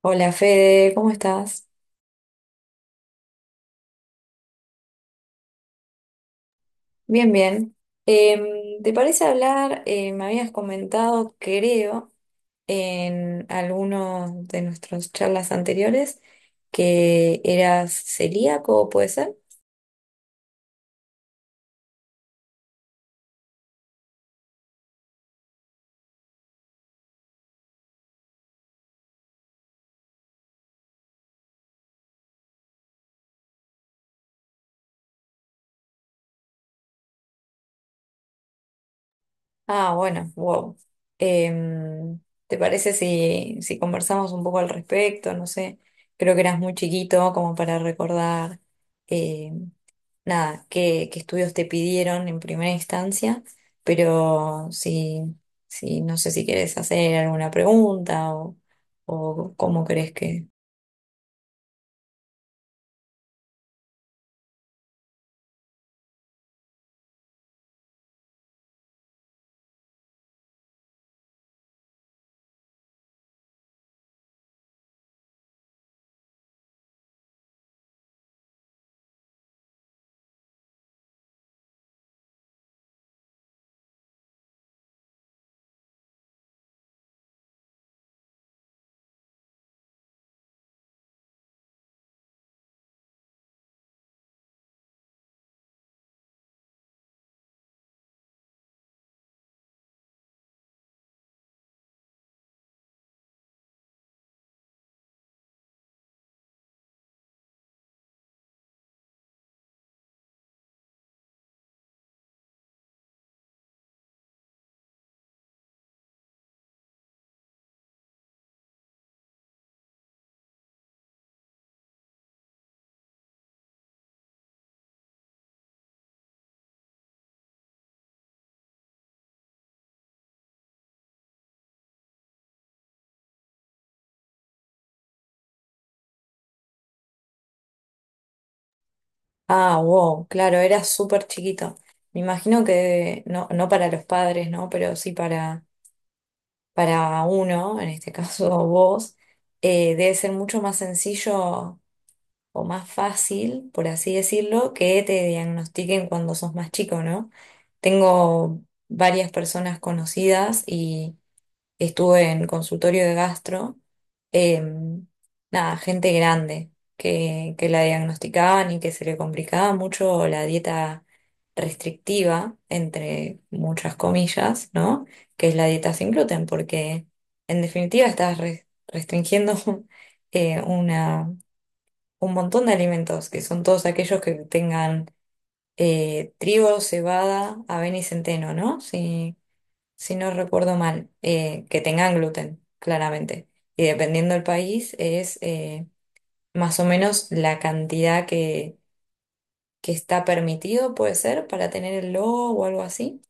Hola Fede, ¿cómo estás? Bien, bien. ¿Te parece hablar? Me habías comentado, creo, en algunos de nuestras charlas anteriores que eras celíaco, ¿puede ser? Ah, bueno, wow. Em, ¿Te parece si conversamos un poco al respecto? No sé, creo que eras muy chiquito como para recordar eh, nada, qué estudios te pidieron en primera instancia, pero si no sé si quieres hacer alguna pregunta o cómo crees que... Ah, wow, claro, era súper chiquito. Me imagino que no para los padres, ¿no? Pero sí para uno, en este caso vos, debe ser mucho más sencillo o más fácil, por así decirlo, que te diagnostiquen cuando sos más chico, ¿no? Tengo varias personas conocidas y estuve en consultorio de gastro, em, nada, gente grande que la diagnosticaban y que se le complicaba mucho la dieta restrictiva, entre muchas comillas, ¿no? Que es la dieta sin gluten, porque en definitiva estás restringiendo una un montón de alimentos, que son todos aquellos que tengan trigo, cebada, avena y centeno, ¿no? Si, si no recuerdo mal, que tengan gluten, claramente. Y dependiendo del país, es más o menos la cantidad que está permitido, puede ser, para tener el logo o algo así.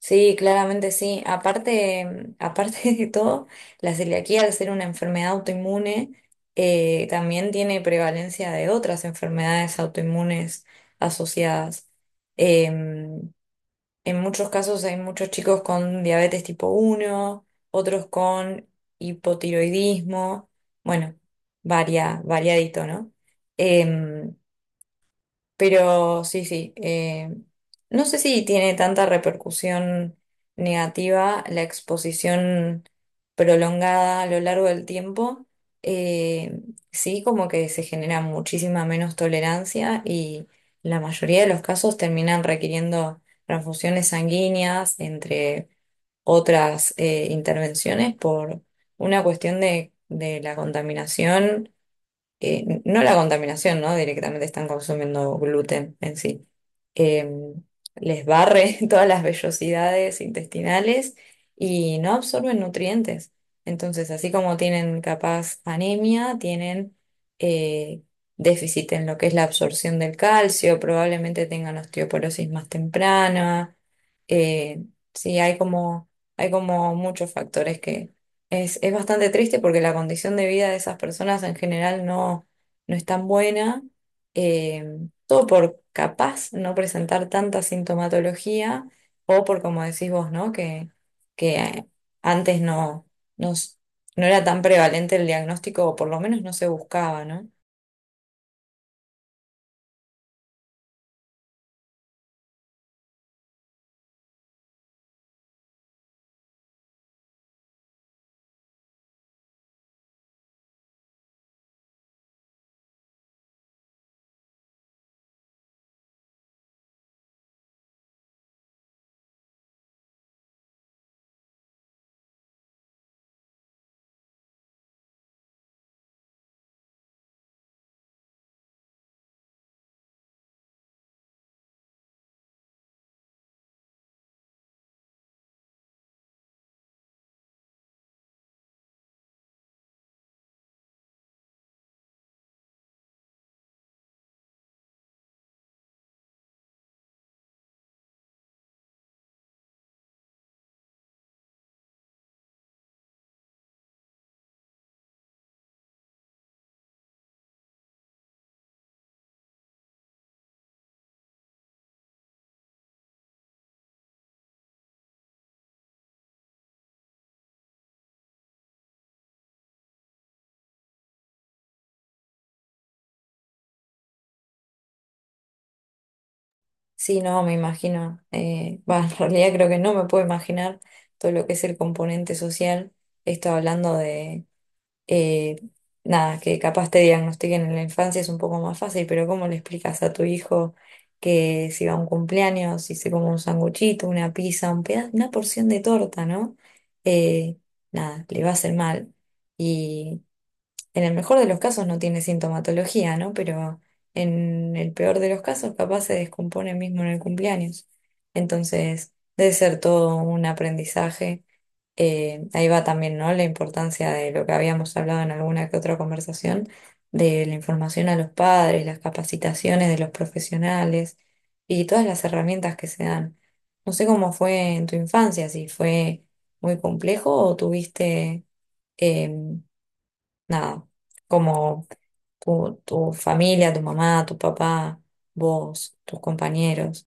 Sí, claramente sí. Aparte, aparte de todo, la celiaquía, al ser una enfermedad autoinmune, también tiene prevalencia de otras enfermedades autoinmunes asociadas. Eh, en muchos casos hay muchos chicos con diabetes tipo uno, otros con hipotiroidismo, bueno, variadito, ¿no? Em, pero sí, sí. No sé si tiene tanta repercusión negativa la exposición prolongada a lo largo del tiempo. eh, sí, como que se genera muchísima menos tolerancia y la mayoría de los casos terminan requiriendo transfusiones sanguíneas, entre otras intervenciones, por una cuestión de la contaminación, no la contaminación, ¿no? Directamente están consumiendo gluten en sí. Eh, Les barre todas las vellosidades intestinales y no absorben nutrientes. Entonces, así como tienen capaz anemia, tienen eh, déficit en lo que es la absorción del calcio, probablemente tengan osteoporosis más temprana. Eh, sí, hay como muchos factores que es bastante triste porque la condición de vida de esas personas en general no es tan buena. eh, Todo por capaz no presentar tanta sintomatología o por, como decís vos, ¿no? Que antes no, s- no era tan prevalente el diagnóstico o por lo menos no se buscaba, ¿no? Sí, no, me imagino. Bah, en realidad creo que no me puedo imaginar todo lo que es el componente social. Esto hablando de eh, nada, que capaz te diagnostiquen en la infancia es un poco más fácil, pero ¿cómo le explicas a tu hijo que si va a un cumpleaños, si se come un sanguchito, una pizza, un una porción de torta, ¿no? Eh, Nada, le va a hacer mal. Y en el mejor de los casos no tiene sintomatología, ¿no? Pero en el peor de los casos capaz se descompone mismo en el cumpleaños. Entonces, debe ser todo un aprendizaje, ahí va también, ¿no? La importancia de lo que habíamos hablado en alguna que otra conversación, de la información a los padres, las capacitaciones de los profesionales y todas las herramientas que se dan. No sé cómo fue en tu infancia, si fue muy complejo o tuviste, eh, nada, como tu familia, tu mamá, tu papá, vos, tus compañeros.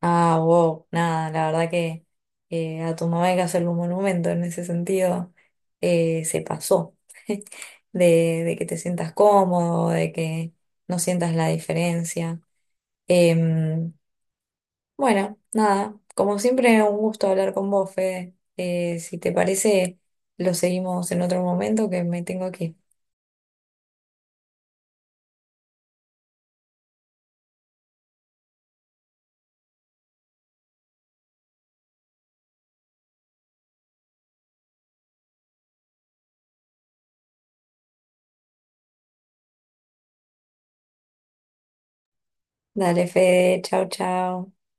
Ah, wow, nada, la verdad que a tu mamá hay que hacerle un monumento en ese sentido. Se pasó de que te sientas cómodo, de que no sientas la diferencia. Em, bueno, nada, como siempre, un gusto hablar con vos, Fede. Si te parece, lo seguimos en otro momento que me tengo que ir. Dale, Fede, chao, chao.